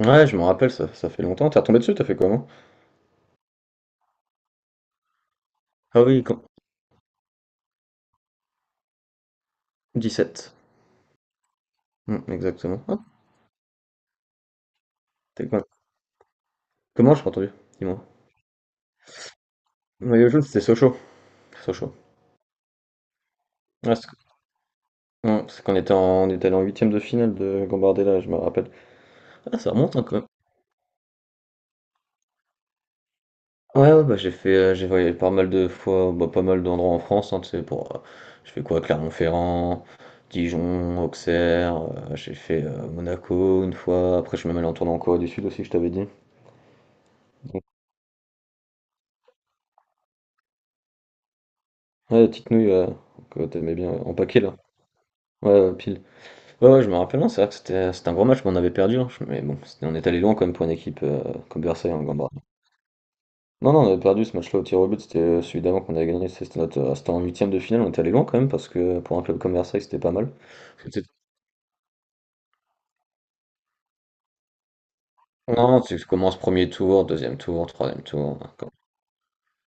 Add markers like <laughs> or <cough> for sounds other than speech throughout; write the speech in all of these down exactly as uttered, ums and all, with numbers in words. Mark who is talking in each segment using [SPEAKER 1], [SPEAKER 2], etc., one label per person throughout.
[SPEAKER 1] Ouais, je m'en rappelle, ça, ça fait longtemps. T'es retombé dessus, t'as fait comment? Ah oui, quand... Sept. Hmm, exactement. Ah, t'es quoi? Comment j'ai pas entendu? Dis-moi. Maillot jaune, c'était Sochaux. Sochaux. Ouais, c'est ouais, c'est qu'on était en... on était allé en huitième de finale de Gambardella, je me rappelle. Ah, ça remonte hein, quand même. Ouais, ouais, bah j'ai fait, euh, j'ai voyagé pas mal de fois, bah, pas mal d'endroits en France, hein, tu sais, pour, euh, j'ai fait quoi, Clermont-Ferrand, Dijon, Auxerre, euh, j'ai fait euh, Monaco une fois, après je suis même allé en tournée en Corée du Sud aussi, je t'avais dit. Ouais, la petite nouille, ouais, que t'aimais bien ouais, en paquet là. Ouais, ouais, pile. Ouais, ouais, je me rappelle, non, c'est vrai que c'était c'était un gros match, mais on avait perdu, hein. Je- Mais bon, c'était- on est allé loin quand même pour une équipe euh, comme Versailles en Gambardie. Non, non, on avait perdu ce match-là au tir au but, c'était euh, celui d'avant qu'on avait gagné. C'était notre, euh, c'était en huitième de finale, on était allé loin quand même, parce que pour un club comme Versailles, c'était pas mal. C'était- Non, tu commences premier tour, deuxième tour, troisième tour, hein, comme-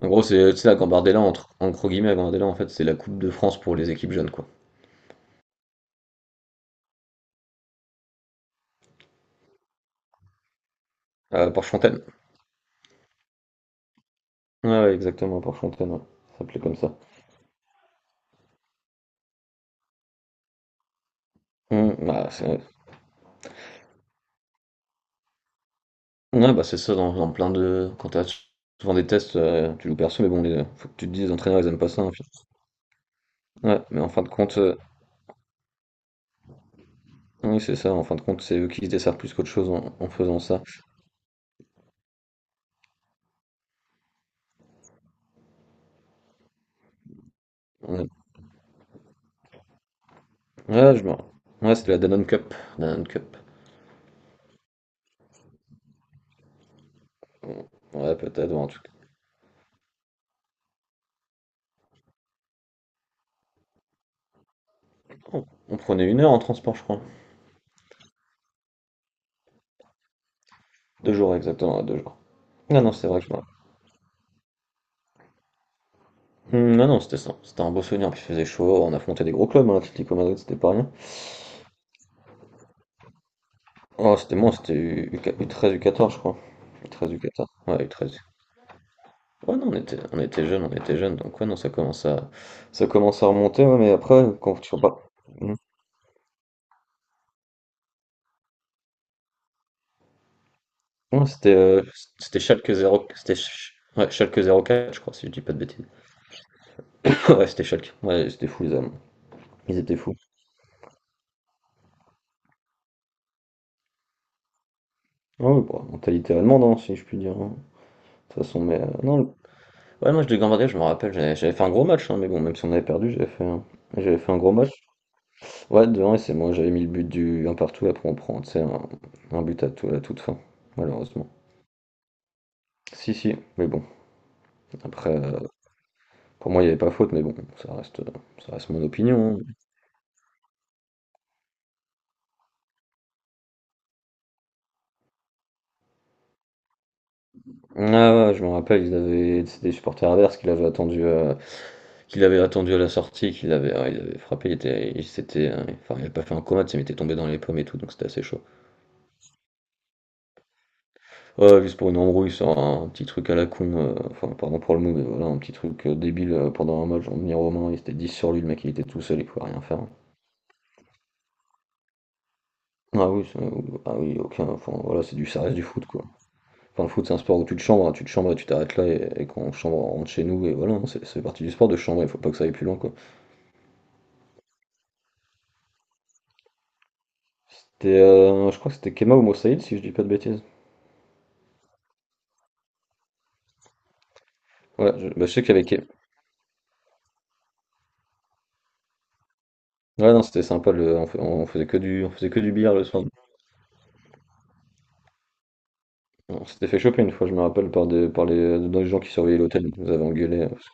[SPEAKER 1] en gros, c'est tu sais, la Gambardella, entre, en gros guillemets, la Gambardella, en fait, c'est la Coupe de France pour les équipes jeunes, quoi. Euh, Porte-Fontaine. Ouais, ouais, exactement, Porte-Fontaine, ouais. Ça s'appelait comme ça. Hmm, bah, c'est- Ouais, bah, c'est ça dans dans plein de quand tu as souvent des tests, heu, tu loues personne, mais bon, les faut que tu te dises les entraîneurs ils aiment pas ça, hein, puis ouais, mais en fin de compte, heu, oui, c'est ça, en fin de compte, c'est eux qui se desservent plus qu'autre chose en en faisant ça. Ouais, ouais, je me Ouais, c'était la Danone Cup, Danone Cup. Mmh, ouais, peut-être, ouais, en tout cas, on on prenait une heure en transport, je crois. Deux jours, exactement, ouais, deux jours. Non, non, c'est vrai que je me ra Mmh, non, non, c'était ça, c'était un beau souvenir, puis il faisait chaud, on affrontait des gros clubs, hein, l'Atlético Madrid, c'était pas rien. Oh, c'était moi, c'était U treize qua U treize, je crois. U treize u quatorze ouais, u treize. Ouais, non, on était, on était jeunes, on était jeunes, donc ouais, non, ça commence à, ça commence à remonter, ouais, mais après, quand tu repars. Mm. Ouais, c'était euh, c'était Schalke zéro c'était Sch- Ouais, Schalke zéro quatre je crois, si je dis pas de bêtises. <laughs> Ouais, c'était Schalke, ouais, c'était fou, les Allemands. Ils étaient fous. Ouais, bon, mentalité allemande, hein, si je puis dire, hein. De toute façon, mais euh, non, le- ouais, moi, je de Gambardella, je me rappelle, j'avais j'avais fait un gros match, hein, mais bon, même si on avait perdu, j'avais fait un, j'avais fait un gros match. Ouais, devant, et c'est moi, j'avais mis le but du un partout, après on prend, tu sais, un, un but à, tout, à toute fin, malheureusement. Si, si, mais bon. Après, euh, pour moi, il n'y avait pas faute, mais bon, ça reste, ça reste mon opinion. Ah ouais, je me rappelle, ils avaient, c'est des supporters adverses qui l'avaient attendu, euh, qui l'avaient attendu à la sortie, qui l'avaient, euh, ils l'avaient frappé, il était, il s'était, euh, enfin, il n'avait pas fait un coma, tu sais, mais il était tombé dans les pommes et tout, donc c'était assez chaud. Ouais, juste pour une embrouille sur un petit truc à la con, euh, enfin, pardon pour le mot, mais voilà, un petit truc euh, débile euh, pendant un match, on venir au il était dix sur lui, le mec, il était tout seul, il pouvait rien faire. Ah oui, c'est- ah oui, aucun, enfin, voilà, c'est du, ça reste du foot, quoi. Enfin, le foot, c'est un sport où tu te chambres, hein, tu te chambres et tu t'arrêtes là, et, et quand on chambre, on rentre chez nous, et voilà, hein, c'est, c'est partie du sport de chambre, il faut pas que ça aille plus loin, quoi. C'était, euh, je crois que c'était Kema ou Moussaïd, si je dis pas de bêtises. Ouais, je, bah, je sais qu'il y avait Ke- ouais, non, c'était sympa, le, on, fais- on faisait que du, on faisait que du billard le soir. On s'était fait choper une fois, je me rappelle, par, des, par les, dans les gens qui surveillaient l'hôtel, ils nous avaient engueulé, euh, parce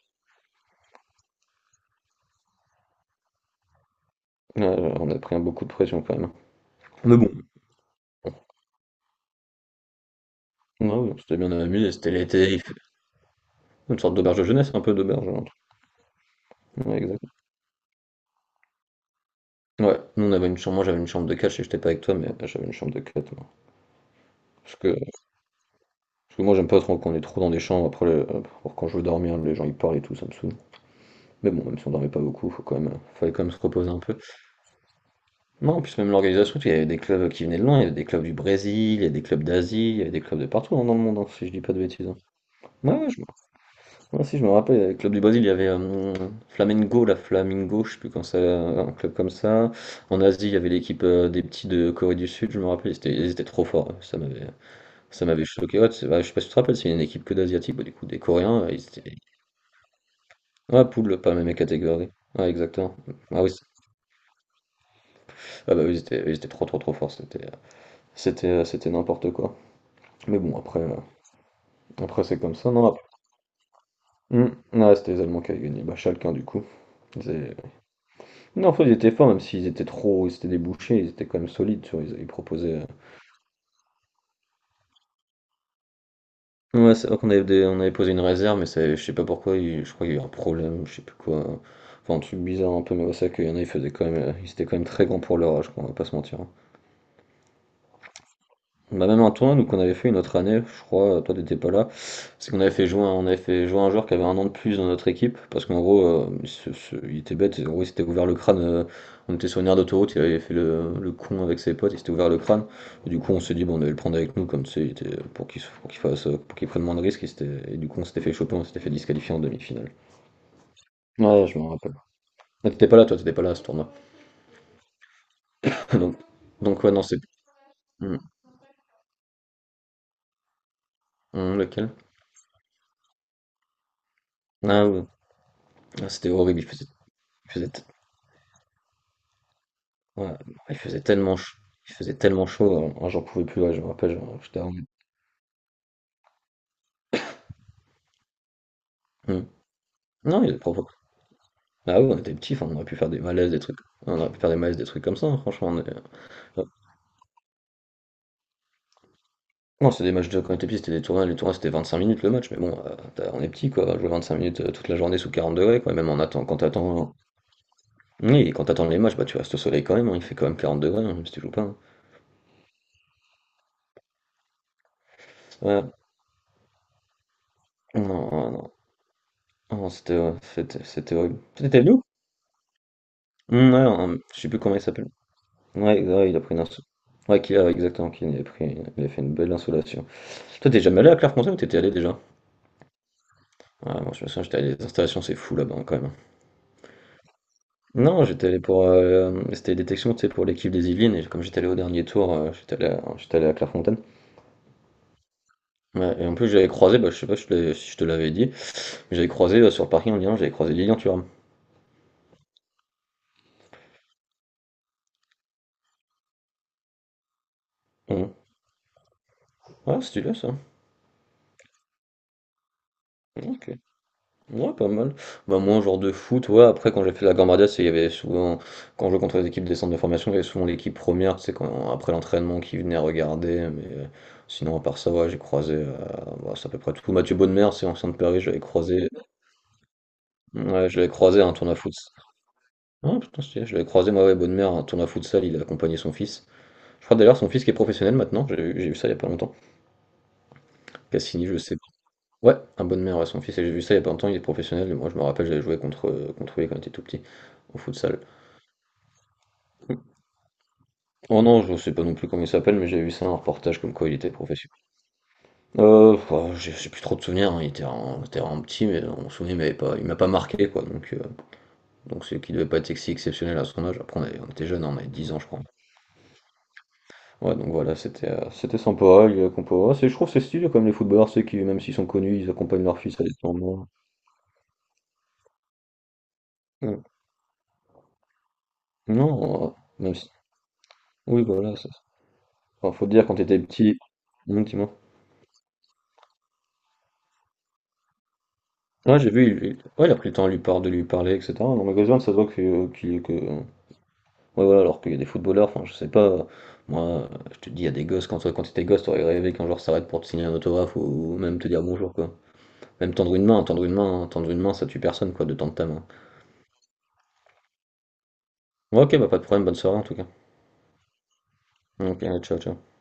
[SPEAKER 1] que- ouais, on a pris un beaucoup de pression quand même. Mais bon, ouais, ouais, on s'était bien amusé, c'était l'été, il fait- une sorte d'auberge de jeunesse, un peu d'auberge, hein, un truc. Ouais, ouais, nous on avait une chambre, moi j'avais une chambre de quatre, je sais que j'étais pas avec toi, mais j'avais une chambre de quatre ouais. Parce que, Parce que moi j'aime pas trop qu'on est trop dans des chambres, après euh, pour quand je veux dormir, les gens ils parlent et tout, ça me saoule. Mais bon, même si on dormait pas beaucoup, faut quand même, euh, fallait quand même se reposer un peu. Non, en plus même l'organisation, tu sais, il y avait des clubs qui venaient de loin, il y avait des clubs du Brésil, il y avait des clubs d'Asie, il y avait des clubs de partout hein, dans le monde, hein, si je dis pas de bêtises, hein. Ouais, ouais, je, Ah, si, je me rappelle, avec le Club du Brésil, il y avait euh, Flamengo, la Flamingo, je sais plus quand ça, un club comme ça. En Asie, il y avait l'équipe euh, des petits de Corée du Sud, je me rappelle, ils étaient, ils étaient trop forts. Ça m'avait, ça m'avait choqué. Ouais, c'est vrai, je sais pas si tu te rappelles, c'est une équipe que d'Asiatiques, bah, du coup, des Coréens, euh, ils étaient. Ouais, poule, pas la même catégorie. Ouais, exactement. Ah oui, c'est- ah, bah, oui, ils étaient, ils étaient trop, trop, trop forts, c'était, euh, c'était, euh, c'était n'importe quoi. Mais bon, après, euh, après c'est comme ça, non? après- Hmm, ouais, c'était les Allemands qui avaient gagné, bah, chacun du coup. Ils avaient- Non, en fait, ils étaient forts, même s'ils étaient trop, c'était des bouchers, ils étaient quand même solides, tu vois, ils, ils proposaient, euh. Ouais, c'est vrai qu'on avait, des- on avait posé une réserve, mais ça, je sais pas pourquoi, il- je crois qu'il y a eu un problème, je sais plus quoi. Enfin, un truc bizarre un peu, mais ouais, c'est vrai qu'il y en a, ils faisaient quand même, euh, ils étaient quand même très grands pour leur âge, quoi, on va pas se mentir, hein. On a même un tournoi nous qu'on avait fait une autre année, je crois, toi t'étais pas là, parce qu'on avait fait jouer, un- on avait fait jouer un joueur qui avait un an de plus dans notre équipe, parce qu'en gros, euh, il se- il était bête, en gros, il s'était ouvert le crâne, euh, on était sur une aire d'autoroute, il avait fait le, le con avec ses potes, il s'était ouvert le crâne, et du coup on s'est dit, bon, on allait le prendre avec nous, comme tu sais, il était, pour qu'il se- pour qu'il fasse, euh, pour qu'il prenne moins de risques, il s'était- et du coup on s'était fait choper, on s'était fait disqualifier en demi-finale. Ouais, je me rappelle. Ah, t'étais pas là, toi, t'étais pas là à ce tournoi. <laughs> Donc, donc ouais, non, c'est... Hum, hum, Lequel? Ah ouais, ah, c'était horrible, il faisait, il faisait Ouais, il faisait tellement chaud, il faisait tellement chaud, hein, j'en pouvais plus, ouais, je me rappelle, genre, j'étais en- Hmm. Non, il est propre. Bah oui, on était petits, enfin, on aurait pu faire des malaises, des trucs. On aurait pu faire des malaises, des trucs comme ça, hein, franchement. on est- Ouais. Non, c'est des matchs de quand on était petit, c'était des tournois, les tournois c'était vingt-cinq minutes le match, mais bon, euh, t'as- on est petit quoi, jouer vingt-cinq minutes euh, toute la journée sous quarante degrés, quoi, et même en attendant, quand t'attends, hein. Oui, et quand t'attends les matchs, bah tu restes au soleil quand même, hein, il fait quand même quarante degrés, hein, même si tu joues pas, hein. Ouais, non, non, non, non, c'était ouais, c'était c'était horrible. C'était venu? Ouais, en- je sais plus comment il s'appelle. Ouais, ouais, il a pris une insolation. Ouais, qu'il a, exactement, qu'il a pris une- il a fait une belle insolation. Toi, t'es jamais allé à Clairefontaine ou t'étais allé déjà? Ah, moi, je me souviens, j'étais allé à des installations, c'est fou là-bas quand même. Non, j'étais allé pour. Euh, c'était détection, tu sais, pour l'équipe des Yvelines, et comme j'étais allé au dernier tour, euh, j'étais allé, à- j'étais allé à Clairefontaine. Ouais, et en plus, j'avais croisé, bah, je sais pas si je te l'avais si je te l'avais dit, mais j'avais croisé euh, sur le parking en Lyon, j'avais croisé Lilian Thuram. Hum. Ah, c'est stylé ça. Ok. Ouais, pas mal. Bah, moi, un genre de foot, ouais, après, quand j'ai fait la Gambardia, c'est, il y avait souvent, quand je jouais contre les équipes des centres de formation, il y avait souvent l'équipe première, c'est quand, après l'entraînement, qui venait regarder, mais euh, sinon, à part ça, ouais, j'ai croisé, euh, bah, c'est à peu près tout. Mathieu Bonnemer, c'est ancien de Paris, je l'avais croisé, ouais, je l'avais croisé à un tournoi foot. Ah, putain, stylé, je l'avais croisé, moi, ouais, Bonnemer, à un tournoi futsal, il a accompagné son fils. Je crois d'ailleurs, son fils qui est professionnel maintenant, j'ai vu j'ai vu ça il y a pas longtemps. Cassini, je sais pas. Ouais, un Bonnemer, ouais, son fils, et j'ai vu ça il y a pas longtemps, il est professionnel, et moi, je me rappelle, j'avais joué contre, contre lui quand il était tout petit, au futsal. Oh non, je sais pas non plus comment il s'appelle, mais j'ai vu ça un reportage comme quoi il était professionnel. Euh, oh, j'ai j'ai plus trop de souvenirs, hein. Il était vraiment, était vraiment petit, mais on se souvient, il m'avait pas, il m'a pas marqué quoi. Donc, euh, donc c'est qu'il devait pas être si exceptionnel à son âge. Après, on, avait- on était jeune, on avait dix ans, je crois. Ouais, donc voilà, c'était euh, c'était sympa. Il y a Compora. C'est, je trouve que c'est stylé comme les footballeurs, c'est qui, même s'ils sont connus, ils accompagnent leur fils à des tournois. Mm. Non, euh, Même si. Oui, bah voilà, ça. Enfin, faut te dire, quand t'étais petit. Non, dis-moi. Ouais, j'ai vu, il, il- ouais, il a pris le temps de lui, par- de lui parler, et cetera. Dans le magasin ça se voit que, euh, qu'il- que, ouais, voilà, alors qu'il y a des footballeurs, enfin, je sais pas, euh, moi, euh, je te dis, il y a des gosses, quand, toi, quand t'étais gosse, t'aurais rêvé qu'un joueur s'arrête pour te signer un autographe ou, ou même te dire bonjour, quoi. Même tendre une main, hein, tendre une main, hein, tendre une main, ça tue personne, quoi, de tendre ta main. Ouais, ok, bah, pas de problème, bonne soirée, en tout cas. Ok, allez, ciao, ciao.